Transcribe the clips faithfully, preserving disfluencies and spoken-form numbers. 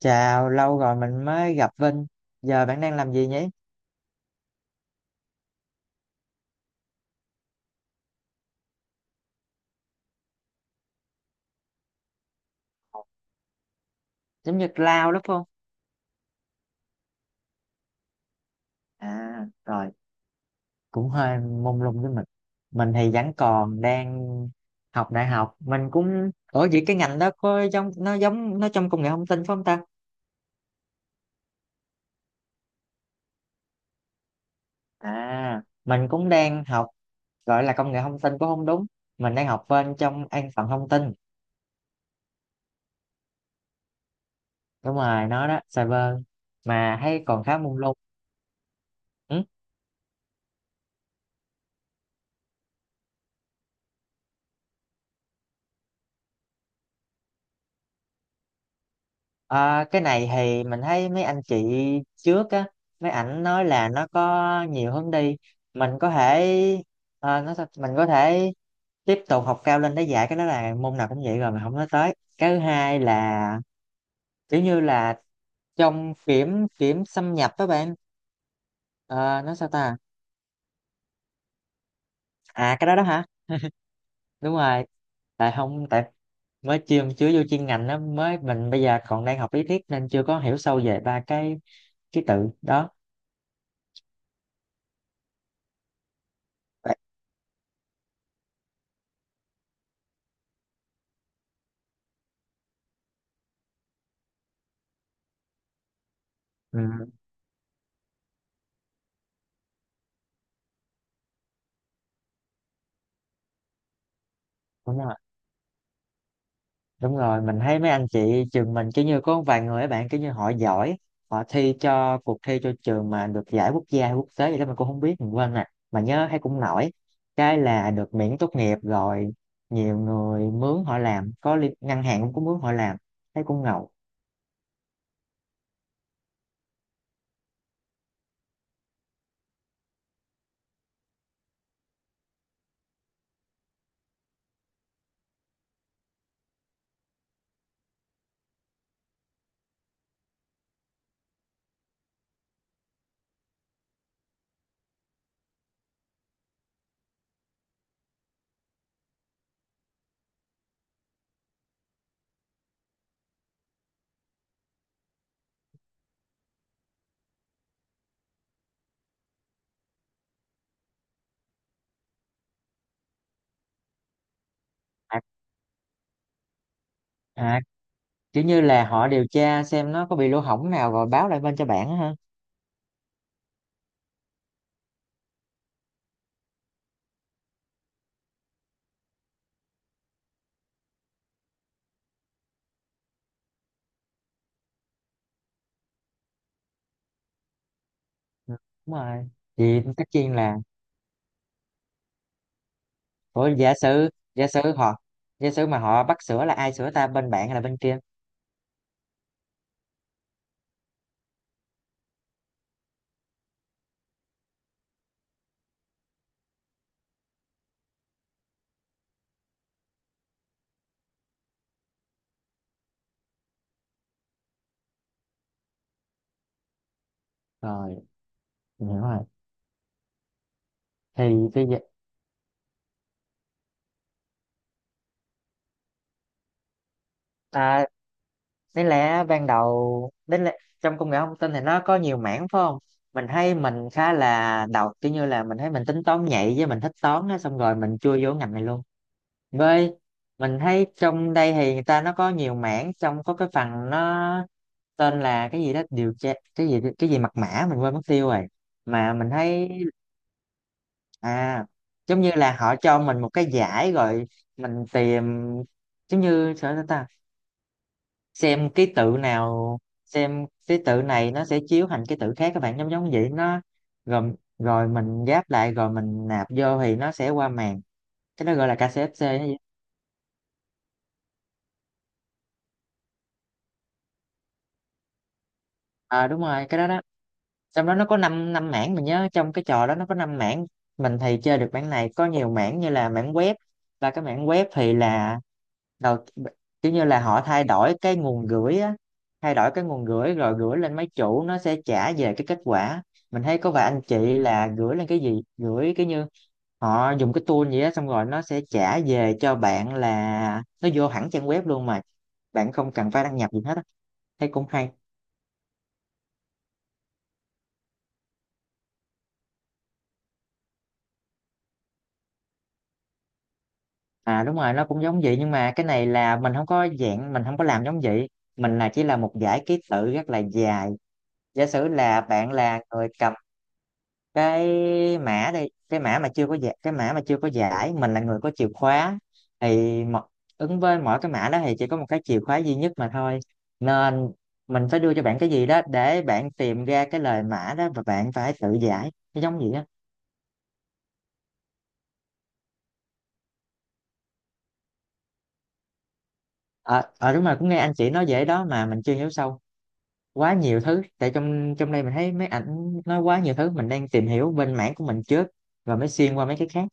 Chào, lâu rồi mình mới gặp Vinh. Giờ bạn đang làm gì nhỉ? Giống như lao đúng không? À, rồi, cũng hơi mông lung với mình. Mình thì vẫn còn đang học đại học. Mình cũng... Ủa vậy cái ngành đó có giống nó giống nó trong công nghệ thông tin phải không ta? À, mình cũng đang học gọi là công nghệ thông tin cũng không đúng. Mình đang học bên trong an toàn thông tin. Đúng rồi, nó đó, cyber. Mà thấy còn khá mông lung. Ừ. Ờ, cái này thì mình thấy mấy anh chị trước á, mấy ảnh nói là nó có nhiều hướng đi, mình có thể ờ, nó sao- mình có thể tiếp tục học cao lên để dạy cái đó, là môn nào cũng vậy rồi. Mình không nói tới, cái thứ hai là kiểu như là trong kiểm kiểm xâm nhập các bạn. Ờ, nói sao ta. À, cái đó đó hả? Đúng rồi. Tại không tại mới chưa chưa vô chuyên ngành á, mới mình bây giờ còn đang học lý thuyết nên chưa có hiểu sâu về ba cái ký tự đó. Ừ. Đúng rồi, đúng rồi, mình thấy mấy anh chị trường mình kiểu như có vài người, các bạn kiểu như họ giỏi, họ thi cho cuộc thi cho trường mà được giải quốc gia hay quốc tế gì đó mình cũng không biết, mình quên nè, mà nhớ thấy cũng nổi. Cái là được miễn tốt nghiệp rồi, nhiều người mướn họ làm có liên, ngân hàng cũng có mướn họ làm, thấy cũng ngầu. À, à, kiểu như là họ điều tra xem nó có bị lỗ hổng nào rồi báo lại bên cho bạn á ha. Ừ, đúng rồi. Thì tất nhiên là ủa giả sử, giả sử họ, giả sử mà họ bắt sửa là ai sửa ta, bên bạn hay là bên kia? Rồi, mình hiểu rồi. Thì cái dạ- À, đáng lẽ ban đầu đến lẽ, trong công nghệ thông tin thì nó có nhiều mảng phải không? Mình thấy mình khá là đầu, kiểu như là mình thấy mình tính toán nhạy với mình thích toán á, xong rồi mình chui vô ngành này luôn. Với mình thấy trong đây thì người ta nó có nhiều mảng, trong có cái phần nó tên là cái gì đó điều tra, cái gì cái gì mật mã mình quên mất tiêu rồi, mà mình thấy. À, giống như là họ cho mình một cái giải rồi mình tìm, giống như sao ta, xem ký tự nào, xem ký tự này nó sẽ chiếu thành ký tự khác các bạn, giống giống vậy, nó gồm rồi mình ghép lại rồi mình nạp vô thì nó sẽ qua màn. Cái đó gọi là ca xê ép xê hay gì. À, đúng rồi cái đó đó. Trong đó nó có 5 năm năm mảng, mình nhớ trong cái trò đó nó có năm mảng. Mình thì chơi được mảng này, có nhiều mảng như là mảng web. Và cái mảng web thì là đầu, kiểu như là họ thay đổi cái nguồn gửi á, thay đổi cái nguồn gửi rồi gửi lên mấy chủ, nó sẽ trả về cái kết quả. Mình thấy có vài anh chị là gửi lên cái gì, gửi cái như họ dùng cái tool gì á, xong rồi nó sẽ trả về cho bạn là nó vô hẳn trang web luôn mà bạn không cần phải đăng nhập gì hết á, thấy cũng hay. À, đúng rồi nó cũng giống vậy, nhưng mà cái này là mình không có dạng, mình không có làm giống vậy. Mình là chỉ là một dãy ký tự rất là dài. Giả sử là bạn là người cầm cái mã đây, cái mã mà chưa có giải, cái mã mà chưa có giải, mình là người có chìa khóa. Thì mo- ứng với mỗi cái mã đó thì chỉ có một cái chìa khóa duy nhất mà thôi, nên mình phải đưa cho bạn cái gì đó để bạn tìm ra cái lời mã đó và bạn phải tự giải nó giống gì á. Ờ ờ đúng rồi, cũng nghe anh chị nói vậy đó mà mình chưa hiểu sâu, quá nhiều thứ, tại trong trong đây mình thấy mấy ảnh nói quá nhiều thứ, mình đang tìm hiểu bên mảng của mình trước rồi mới xuyên qua mấy cái khác.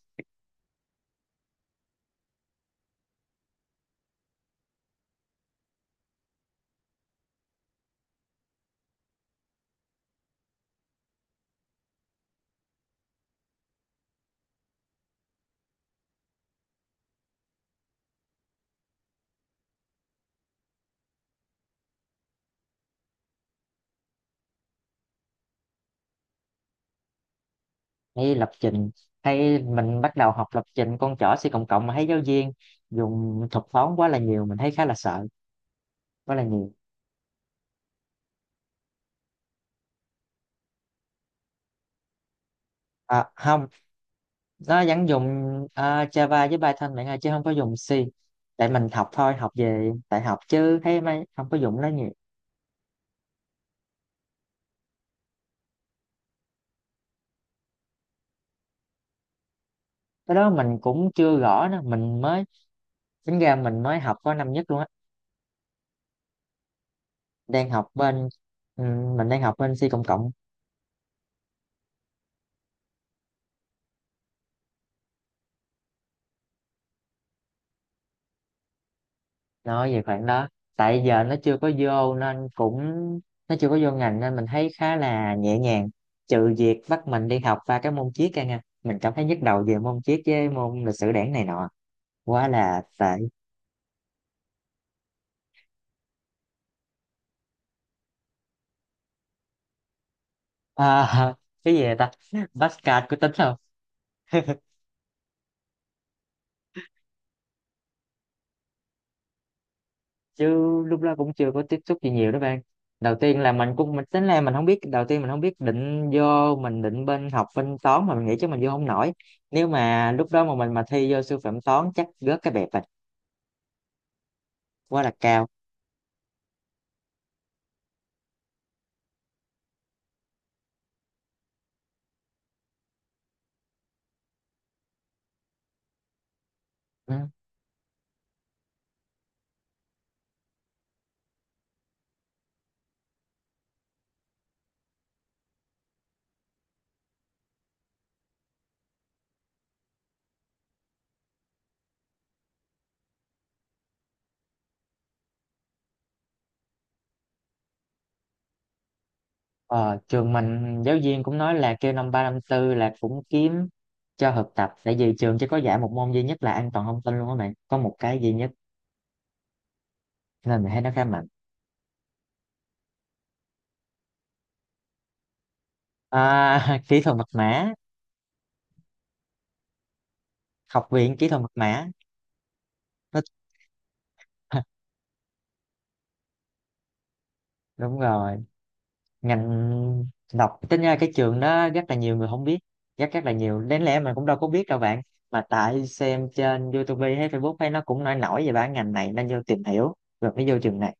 Hay lập trình, hay mình bắt đầu học lập trình con chỏ C cộng cộng mà thấy giáo viên dùng thuật toán quá là nhiều, mình thấy khá là sợ, quá là nhiều. À, không, nó vẫn dùng à, Java với Python bạn ơi, chứ không có dùng C. Tại mình học thôi, học về đại học chứ thấy mấy không có dùng nó nhiều. Cái đó mình cũng chưa rõ nữa, mình mới, tính ra mình mới học có năm nhất luôn á. Đang học bên ừ, mình đang học bên C cộng cộng. Nói về khoảng đó, tại giờ nó chưa có vô nên cũng, nó chưa có vô ngành nên mình thấy khá là nhẹ nhàng, trừ việc bắt mình đi học ba cái môn triết ra nha, mình cảm thấy nhức đầu về môn triết với môn lịch sử đảng này nọ, quá là tệ. À, cái gì vậy ta, Pascal có tính không? Chứ lúc đó cũng chưa có tiếp xúc gì nhiều đó bạn. Đầu tiên là mình cũng mình tính là mình không biết, đầu tiên mình không biết định vô, mình định bên học bên toán mà mình nghĩ chứ mình vô không nổi. Nếu mà lúc đó mà mình mà thi vô sư phạm toán chắc rớt cái bẹp, quá là cao. Ừ. Ờ, trường mình giáo viên cũng nói là kêu năm ba năm tư là cũng kiếm cho thực tập, tại vì trường chỉ có dạy một môn duy nhất là an toàn thông tin luôn á, mày có một cái duy nhất nên mình thấy nó khá mạnh. À, kỹ thuật mật mã. Học viện kỹ thuật mật mã. Nó, đúng rồi. Ngành đọc tính ra cái trường đó rất là nhiều người không biết, rất rất là nhiều, đến lẽ mình cũng đâu có biết đâu bạn. Mà tại xem trên YouTube hay Facebook hay nó cũng nổi nổi về bản ngành này nên vô tìm hiểu, rồi mới vô trường này.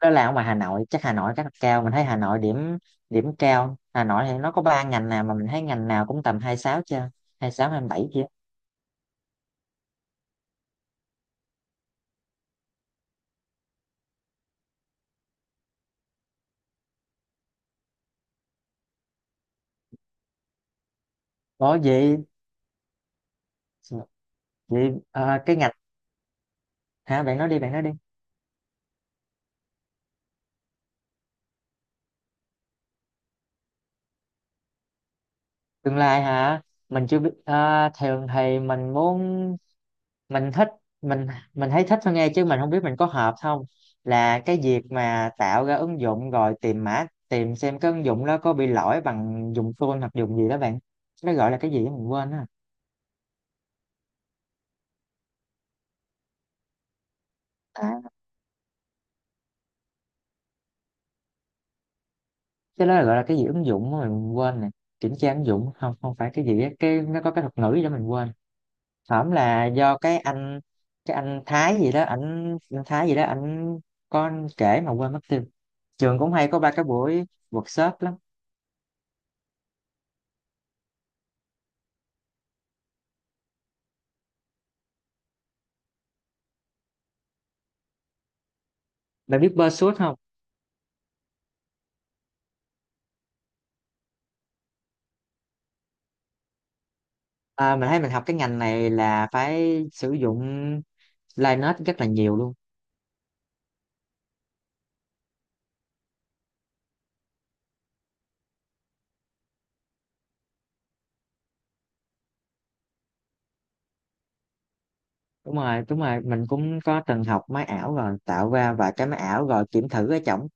Đó là ở ngoài Hà Nội chắc, Hà Nội chắc là cao, mình thấy Hà Nội điểm, điểm cao. Hà Nội thì nó có ba ngành nào mà mình thấy ngành nào cũng tầm hai sáu chưa, hai sáu hai bảy chưa. Có gì vậy ờ, cái ngành, hả, bạn nói đi, bạn nói đi. Tương lai hả, mình chưa biết ờ, thường thì mình muốn, mình thích, mình mình thấy thích thôi nghe chứ mình không biết mình có hợp không, là cái việc mà tạo ra ứng dụng rồi tìm mã, tìm xem cái ứng dụng đó có bị lỗi bằng dùng phone hoặc dùng gì đó bạn, nó gọi là cái gì đó mình quên. Á, cái đó là gọi là cái gì ứng dụng mà mình quên nè, kiểm tra ứng dụng không, không phải cái gì á, cái nó có cái thuật ngữ gì đó mình quên. Hổm là do cái anh, cái anh Thái gì đó ảnh, anh Thái gì đó ảnh có kể mà quên mất tiêu. Trường cũng hay có ba cái buổi workshop lắm. Bạn biết Pursuit không? À, mình thấy mình học cái ngành này là phải sử dụng Linux rất là nhiều luôn. Đúng rồi, đúng rồi mình cũng có từng học máy ảo rồi, tạo ra vài cái máy ảo rồi kiểm thử ở trỏng.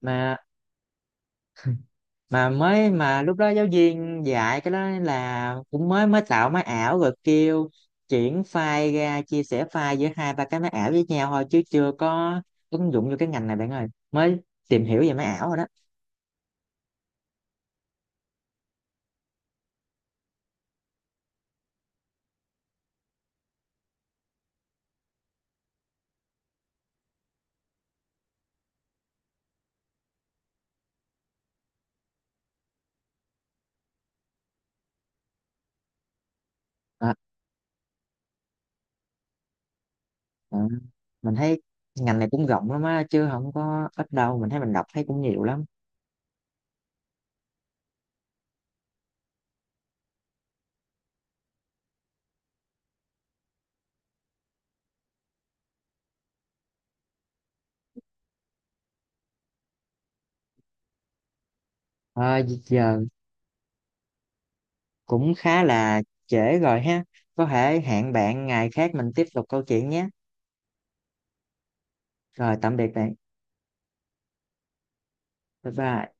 mà mà mới mà lúc đó giáo viên dạy cái đó là cũng mới, mới tạo máy ảo rồi kêu chuyển file ra, chia sẻ file giữa hai ba cái máy ảo với nhau thôi chứ chưa có ứng dụng vô cái ngành này bạn ơi, mới tìm hiểu về máy ảo rồi đó. À, à, mình thấy ngành này cũng rộng lắm á chứ không có ít đâu, mình thấy mình đọc thấy cũng nhiều lắm. À, giờ cũng khá là trễ rồi ha, có thể hẹn bạn ngày khác mình tiếp tục câu chuyện nhé. Rồi, tạm biệt bạn. Bye bye.